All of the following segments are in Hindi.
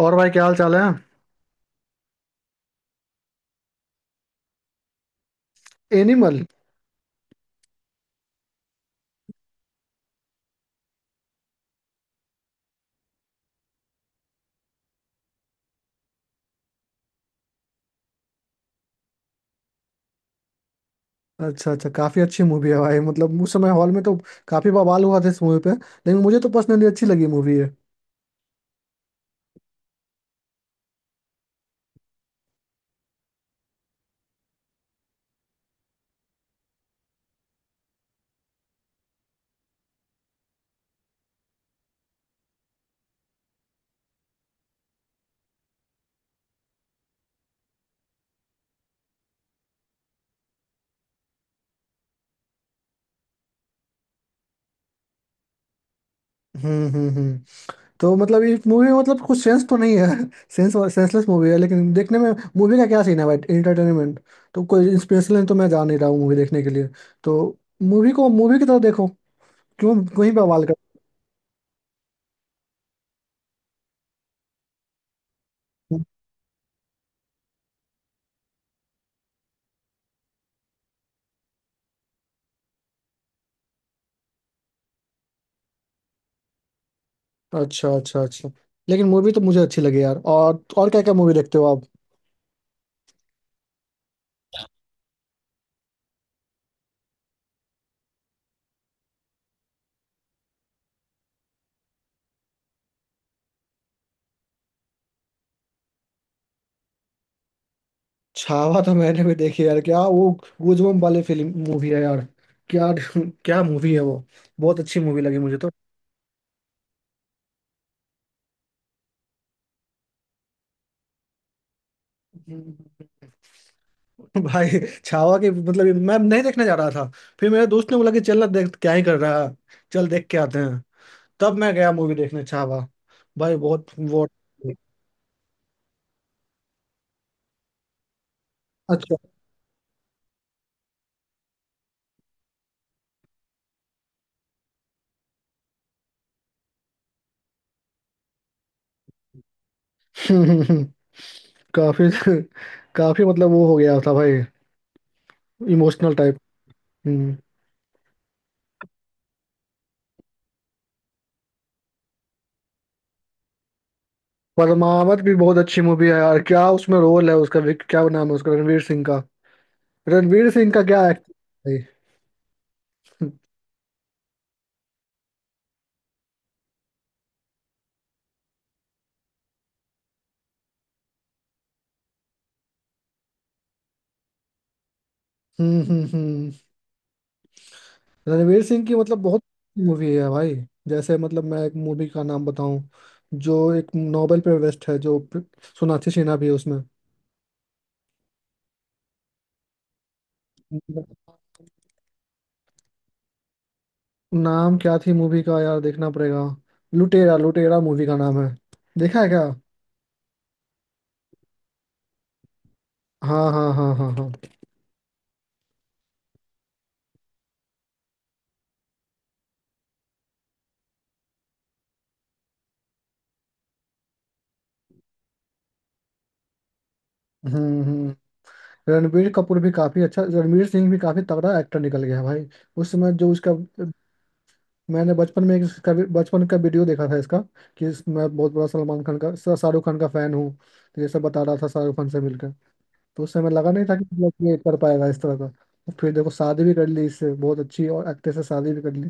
और भाई, क्या हाल चाल है? एनिमल। अच्छा, अच्छा। काफी अच्छी मूवी है भाई, मतलब उस समय हॉल में तो काफी बवाल हुआ था इस मूवी पे, लेकिन मुझे तो पर्सनली अच्छी लगी मूवी है। हम्म, हम्म, हम्म। तो मतलब इस मूवी में मतलब कुछ सेंस तो नहीं है, सेंस और सेंसलेस मूवी है, लेकिन देखने में मूवी का क्या सीन है भाई, एंटरटेनमेंट। तो कोई इंस्पिरेशन तो मैं जा नहीं रहा हूँ मूवी देखने के लिए, तो मूवी को मूवी की तरह देखो, क्यों कहीं बवाल कर। अच्छा, अच्छा, अच्छा। लेकिन मूवी तो मुझे अच्छी लगी यार। और क्या क्या मूवी देखते हो आप? छावा तो मैंने भी देखी यार, क्या वो गूजबम्प वाली फिल्म मूवी है यार, क्या! क्या मूवी है वो। बहुत अच्छी मूवी लगी मुझे तो। भाई, छावा के मतलब मैं नहीं देखने जा रहा था। फिर मेरे दोस्त ने बोला कि चल ना, देख क्या ही कर रहा है, चल देख के आते हैं। तब मैं गया मूवी देखने छावा। भाई बहुत वो। अच्छा। हम्म, हम्म, हम्म। काफी, काफी मतलब वो हो गया था भाई, इमोशनल टाइप। हम्म। परमावत भी बहुत अच्छी मूवी है यार, क्या उसमें रोल है उसका, क्या नाम है उसका? रणवीर सिंह का। रणवीर सिंह का क्या एक्टर है भाई! हम्म, हम्म, रणवीर सिंह की मतलब बहुत मूवी है भाई। जैसे मतलब मैं एक मूवी का नाम बताऊं, जो एक नोबेल पे वेस्ट है, जो सोनाक्षी सिन्हा भी है उसमें। नाम क्या थी मूवी का यार, देखना पड़ेगा। लुटेरा, लुटेरा मूवी का नाम है। देखा है क्या? हाँ, हाँ, हाँ, हाँ, हाँ। हम्म, रणबीर कपूर भी काफी अच्छा, रणवीर सिंह भी काफी तगड़ा एक्टर निकल गया है भाई। उस समय जो उसका, मैंने बचपन में एक बचपन का वीडियो देखा था इसका, कि मैं बहुत बड़ा सलमान खान का, शाहरुख खान का फैन हूँ। तो ये सब बता रहा था शाहरुख खान से मिलकर। तो उस समय लगा नहीं था कि मतलब ये कर पाएगा इस तरह का। तो फिर देखो, शादी भी कर ली, इससे बहुत अच्छी, और एक्ट्रेस से शादी भी कर ली।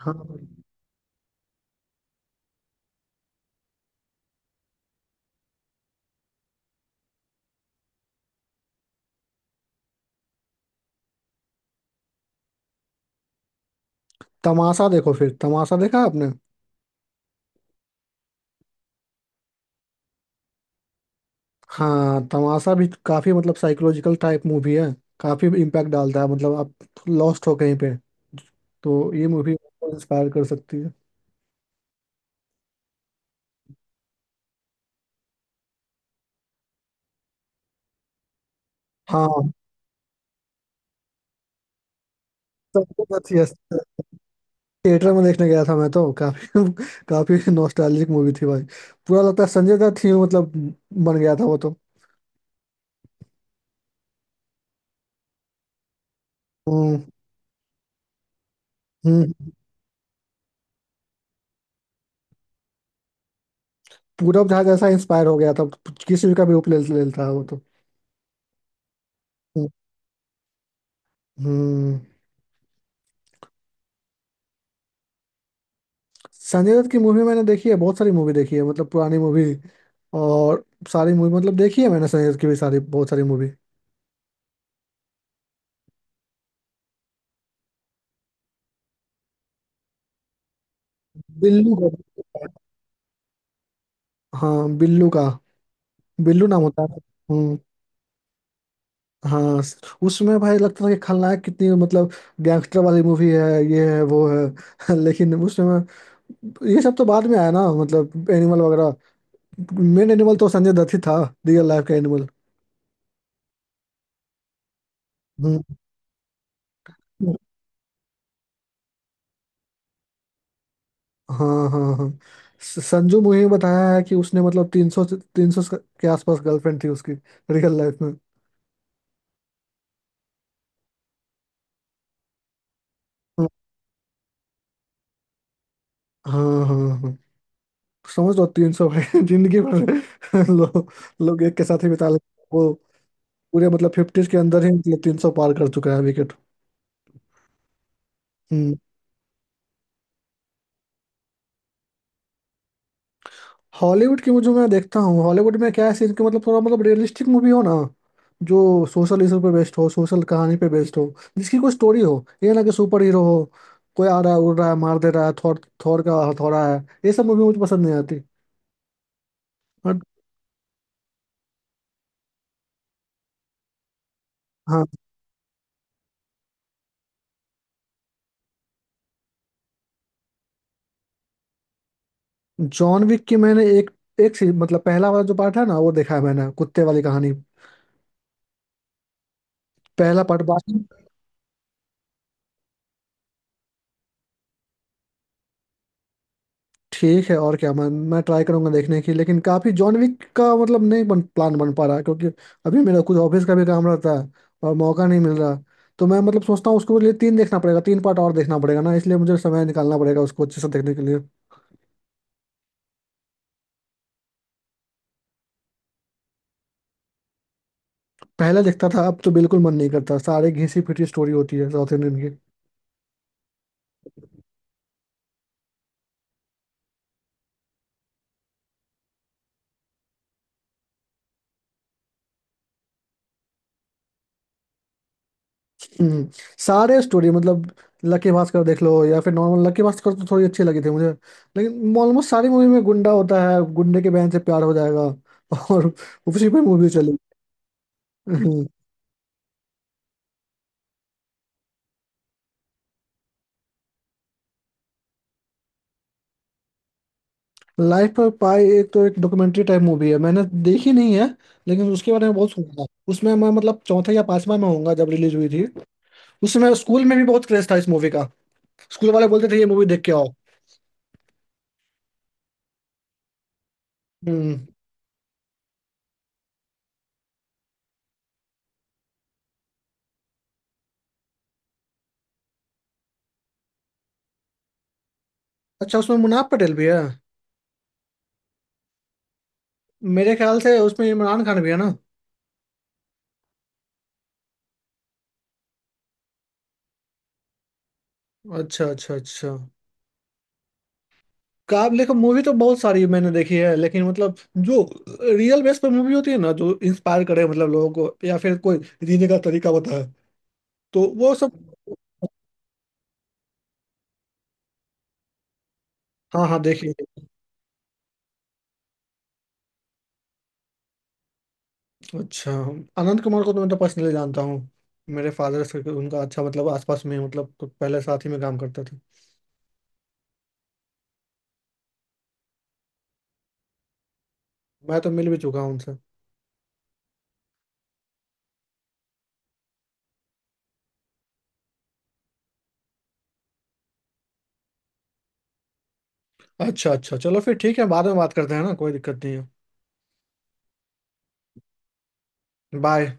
हाँ, तमाशा देखो, फिर तमाशा देखा आपने? हाँ, तमाशा भी काफी मतलब साइकोलॉजिकल टाइप मूवी है। काफी इम्पैक्ट डालता है, मतलब आप लॉस्ट हो कहीं पे, तो ये मूवी आपको इंस्पायर कर सकती है। हाँ, सबसे अच्छी है। थिएटर में देखने गया था मैं तो, काफी काफी नॉस्टैल्जिक मूवी थी भाई। पूरा लगता है संजय दत्त ही मतलब बन गया था वो तो। हम्म, हम्म। पूरब जहाज ऐसा इंस्पायर हो गया था, किसी भी का भी रूप ले ले लेता है वो तो। हम्म, हम्म। संजय दत्त की मूवी मैंने देखी है, बहुत सारी मूवी देखी है मतलब, पुरानी मूवी। और सारी मूवी मतलब देखी है मैंने, संजय दत्त की भी सारी, बहुत सारी मूवी। बिल्लू का। हाँ, बिल्लू का। बिल्लू नाम होता है। हम्म। हाँ, उसमें भाई लगता था कि खलनायक कितनी मतलब गैंगस्टर वाली मूवी है, ये है वो है, लेकिन उसमें ये सब तो बाद में आया ना, मतलब एनिमल वगैरह। मेन एनिमल तो संजय दत्त ही था, रियल लाइफ का एनिमल। हम्म। हाँ, हाँ, हाँ। संजू मूवी में बताया है कि उसने मतलब 300, तीन सौ के आसपास गर्लफ्रेंड थी उसकी, रियल लाइफ में। हाँ, हाँ, हाँ। समझ लो 300 भाई, जिंदगी भर लोग, लोग एक के साथ ही बिता लेते हैं। वो पूरे मतलब फिफ्टीज के अंदर ही मतलब 300 पार कर चुका है विकेट। हम्म, हॉलीवुड की मुझे, मैं देखता हूँ। हॉलीवुड में क्या है सीन कि मतलब थोड़ा मतलब रियलिस्टिक मूवी हो ना, जो सोशल इशू पे बेस्ड हो, सोशल कहानी पे बेस्ड हो, जिसकी कोई स्टोरी हो, ये ना कि सुपर हीरो हो, कोई आ रहा है, उड़ रहा है, मार दे रहा है, थॉर, थॉर का हथौड़ा है, ये सब मूवी मुझे पसंद नहीं आती। बट हाँ, जॉन विक की मैंने एक, मतलब पहला वाला जो पार्ट है ना वो देखा है मैंने, कुत्ते वाली कहानी। पहला पार्ट बाकी। ठीक है, और क्या, मैं ट्राई करूंगा देखने की, लेकिन काफी जॉन विक का मतलब नहीं बन, प्लान बन पा रहा, क्योंकि अभी मेरा कुछ ऑफिस का भी काम रहता है, और मौका नहीं मिल रहा। तो मैं मतलब सोचता हूँ उसको लिए तीन देखना पड़ेगा, तीन पार्ट और देखना पड़ेगा ना, इसलिए मुझे समय निकालना पड़ेगा उसको अच्छे से देखने के लिए। पहले देखता था, अब तो बिल्कुल मन नहीं करता। सारे घिसी पिटी स्टोरी होती है साउथ इंडियन की। हम्म, सारे स्टोरी मतलब लकी भास्कर देख लो या फिर नॉर्मल। लकी भास्कर तो थोड़ी अच्छी लगी थी मुझे, लेकिन ऑलमोस्ट सारी मूवी में गुंडा होता है, गुंडे के बहन से प्यार हो जाएगा, और उसी पे मूवी चली। लाइफ पर पाई, एक तो एक डॉक्यूमेंट्री टाइप मूवी है, मैंने देखी नहीं है, लेकिन उसके बारे में बहुत सुना था। उसमें मैं मतलब चौथा या पांचवा में होऊंगा जब रिलीज हुई थी। उसमें स्कूल में भी बहुत क्रेज था इस मूवी का, स्कूल वाले बोलते थे ये मूवी देख के आओ। हम्म। अच्छा, उसमें मुनाफ पटेल भी है? मेरे ख्याल से उसमें इमरान खान भी है ना। अच्छा, अच्छा, अच्छा। काब देखो मूवी तो बहुत सारी मैंने देखी है, लेकिन मतलब जो रियल बेस पर मूवी होती है ना, जो इंस्पायर करे मतलब लोगों को, या फिर कोई जीने का तरीका बताए, तो वो सब। हाँ, हाँ, देखिए। अच्छा, आनंद कुमार को तो मैं तो पर्सनली जानता हूँ, मेरे फादर से उनका अच्छा मतलब आसपास में, मतलब कुछ पहले साथ ही में काम करते थे। मैं तो मिल भी चुका हूँ उनसे। अच्छा, अच्छा, चलो फिर ठीक है, बाद में बात करते हैं ना, कोई दिक्कत नहीं है। बाय।